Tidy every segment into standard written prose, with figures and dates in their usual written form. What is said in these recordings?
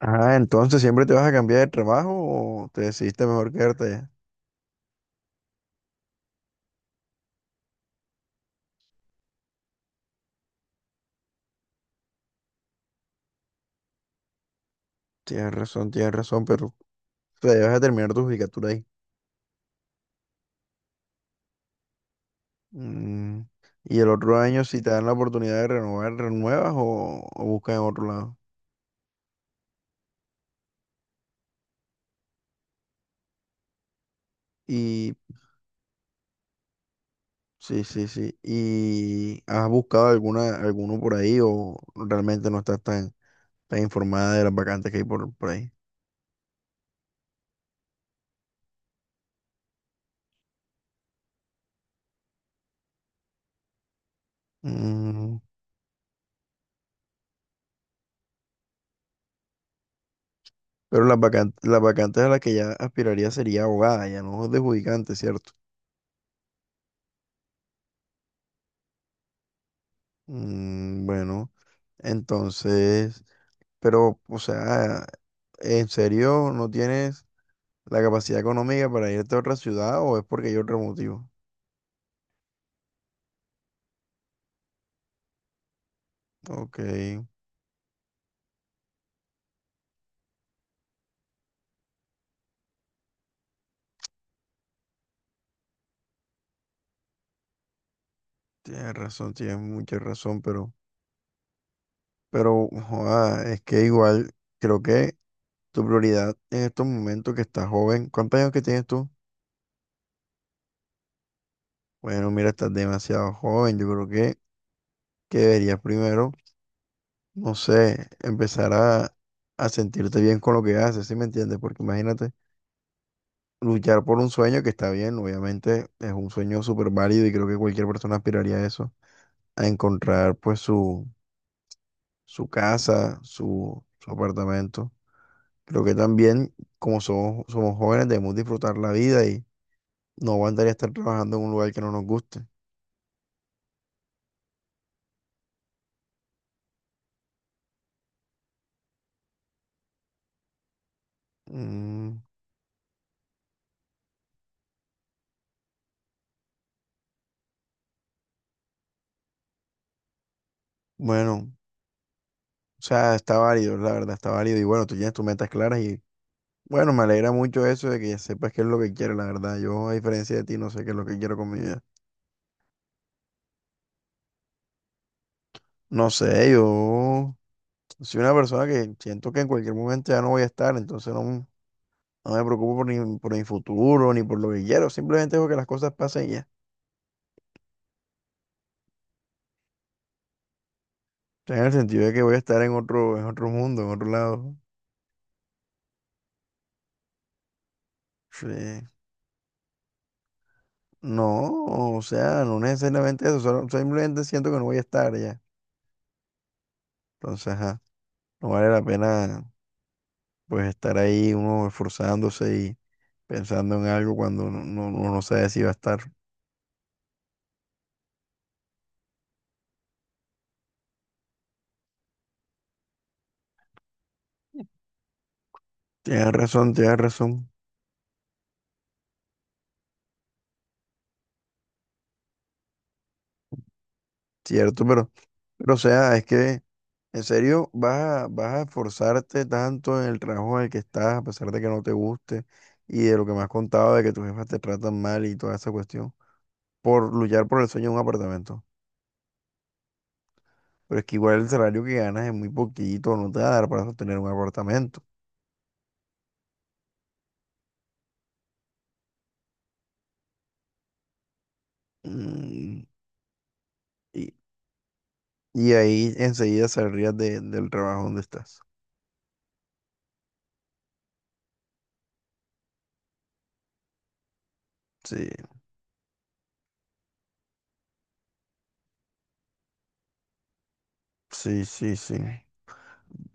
Ah, entonces siempre te vas a cambiar de trabajo o te decidiste mejor quedarte allá. Tienes razón, pero te debes a terminar tu judicatura ahí. Mm. Y el otro año, si te dan la oportunidad de renovar, renuevas o buscas en otro lado. Y sí, sí, sí. ¿Y has buscado alguna, alguno por ahí o realmente no estás tan informada de las vacantes que hay por ahí? Mm. Pero las vacantes a las que ya aspiraría sería abogada, ya no judicante, ¿cierto? Mm, bueno. Entonces, pero, o sea, ¿en serio no tienes la capacidad económica para irte a otra ciudad o es porque hay otro motivo? Ok, tienes razón, tienes mucha razón, pero, joda, es que igual creo que tu prioridad en estos momentos que estás joven, ¿cuántos años que tienes tú? Bueno, mira, estás demasiado joven, yo creo que deberías primero, no sé, empezar a sentirte bien con lo que haces, ¿sí me entiendes? Porque imagínate, luchar por un sueño que está bien, obviamente es un sueño súper válido y creo que cualquier persona aspiraría a eso, a encontrar pues su casa, su apartamento. Creo que también como somos jóvenes, debemos disfrutar la vida y no aguantaría estar trabajando en un lugar que no nos guste. Mm, bueno, o sea, está válido, la verdad, está válido y bueno, tú tienes tus metas claras y bueno, me alegra mucho eso de que ya sepas qué es lo que quieres, la verdad. Yo, a diferencia de ti, no sé qué es lo que quiero con mi vida. No sé, yo... Soy una persona que siento que en cualquier momento ya no voy a estar, entonces no, no me preocupo por, ni, por mi futuro ni por lo que quiero, simplemente dejo que las cosas pasen y ya. O sea, en el sentido de que voy a estar en otro mundo, en otro lado. Sí. No, o sea, no necesariamente eso, simplemente siento que no voy a estar ya. Entonces, ajá, no vale la pena pues estar ahí uno esforzándose y pensando en algo cuando uno no sabe si va a estar. Tienes razón, cierto, pero o sea, es que... ¿En serio vas a, vas a esforzarte tanto en el trabajo en el que estás, a pesar de que no te guste y de lo que me has contado de que tus jefas te tratan mal y toda esa cuestión, por luchar por el sueño de un apartamento? Pero es que igual el salario que ganas es muy poquito, no te va a dar para sostener un apartamento. Mm. y, y ahí enseguida saldrías del trabajo donde estás. Sí, sí, sí, sí.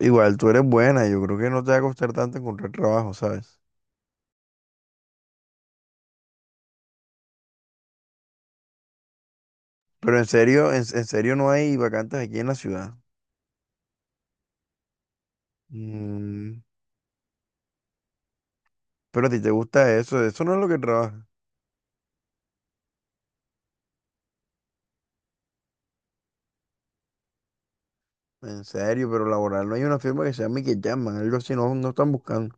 Igual tú eres buena, yo creo que no te va a costar tanto encontrar trabajo, ¿sabes? Pero en serio, en serio no hay vacantes aquí en la ciudad. Mm, pero a ti te gusta eso, eso no es lo que trabaja. En serio, pero laboral no hay una firma que se llame que llaman, algo así, no, no están buscando.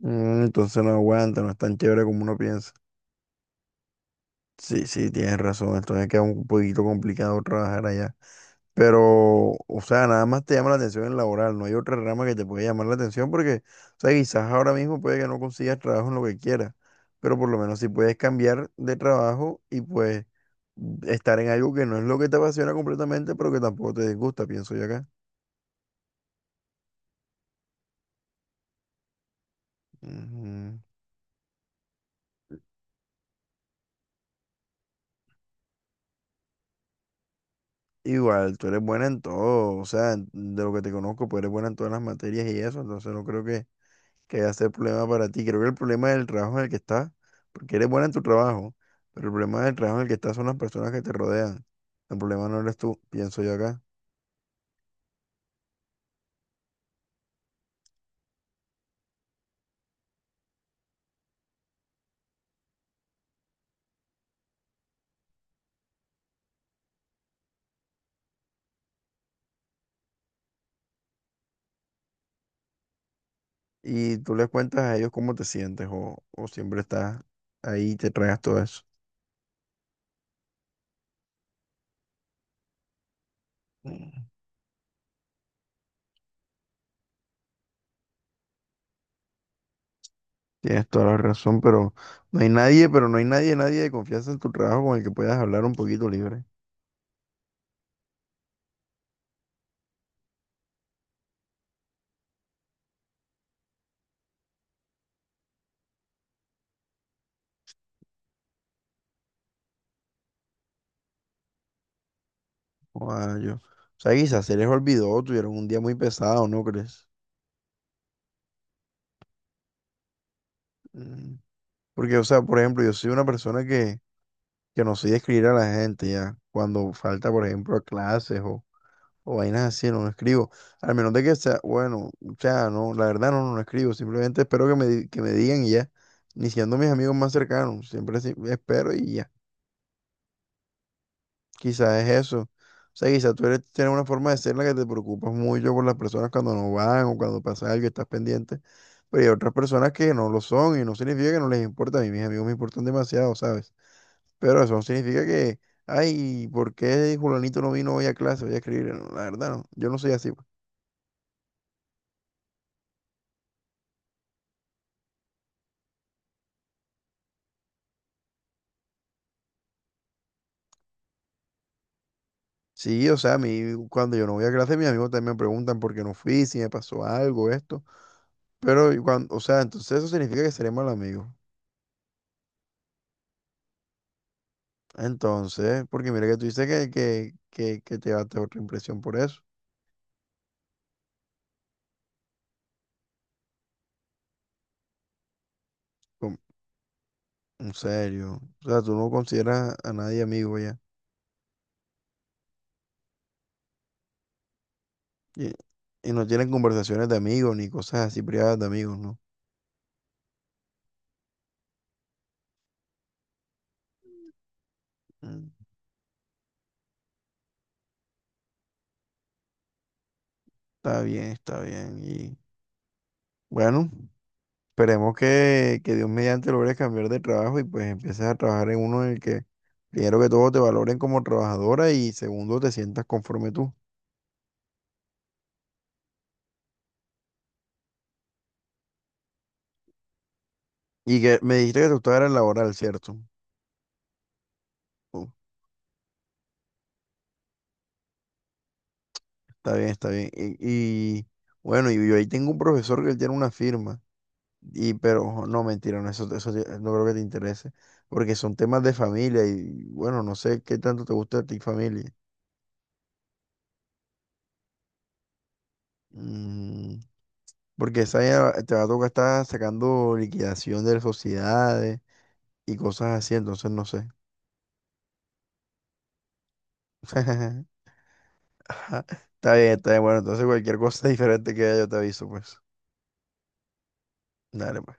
Mm, entonces no aguanta, no es tan chévere como uno piensa. Sí, sí, tienes razón, entonces queda un poquito complicado trabajar allá. Pero, o sea, nada más te llama la atención el laboral, no hay otra rama que te pueda llamar la atención porque, o sea, quizás ahora mismo puede que no consigas trabajo en lo que quieras, pero por lo menos si puedes cambiar de trabajo y pues estar en algo que no es lo que te apasiona completamente, pero que tampoco te disgusta, pienso yo acá. Ujú. Igual, tú eres buena en todo, o sea, de lo que te conozco, pues eres buena en todas las materias y eso, entonces no creo que va a ser problema para ti. Creo que el problema del trabajo en el que estás, porque eres buena en tu trabajo, pero el problema del trabajo en el que estás son las personas que te rodean. El problema no eres tú, pienso yo acá. Y tú les cuentas a ellos cómo te sientes o siempre estás ahí y te traes todo eso. Mm. Tienes toda la razón, pero no hay nadie, pero no hay nadie, nadie de confianza en tu trabajo con el que puedas hablar un poquito libre. Joda, yo. O sea, quizás se les olvidó, tuvieron un día muy pesado, ¿no crees? Mm. Porque, o sea, por ejemplo, yo soy una persona que no soy de escribir a la gente ya. Cuando falta, por ejemplo, a clases o vainas así, no, no escribo. Al menos de que sea, bueno, o sea, no, la verdad no, no escribo. Simplemente espero que me, que me digan y ya. Ni siendo mis amigos más cercanos, siempre espero y ya. Quizás es eso. O sea, quizás tú eres, tienes una forma de ser en la que te preocupas mucho por las personas cuando no van o cuando pasa algo, y estás pendiente. Pero hay otras personas que no lo son y no significa que no les importa. A mí mis amigos me importan demasiado, ¿sabes? Pero eso no significa que, ay, ¿por qué Julanito no vino hoy a clase? Voy a escribir. No, la verdad, no. Yo no soy así, pues. Sí, o sea, a mí, cuando yo no voy a clase, mis amigos también me preguntan por qué no fui, si me pasó algo, esto. Pero, y cuando, o sea, entonces eso significa que seré mal amigo. Entonces, porque mira que tú dices que te va otra impresión por eso. Como, en serio. O sea, tú no consideras a nadie amigo ya. Y, y no tienen conversaciones de amigos ni cosas así privadas de amigos, ¿no? Mm. Está bien, está bien. Bueno, esperemos que Dios mediante logres cambiar de trabajo y pues empieces a trabajar en uno en el que primero que todo te valoren como trabajadora y segundo te sientas conforme tú. Y que me dijiste que tú estabas en laboral, ¿cierto? Uh, está bien, está bien. Bueno, y yo ahí tengo un profesor que él tiene una firma. Y pero no, mentira, no, eso, no creo que te interese. Porque son temas de familia y bueno, no sé qué tanto te gusta a ti familia. Mm. Porque esa ya te va a tocar estar sacando liquidación de sociedades y cosas así, entonces no sé. Ajá. Está bien, está bien. Bueno, entonces cualquier cosa diferente que haya yo te aviso, pues. Dale, pues.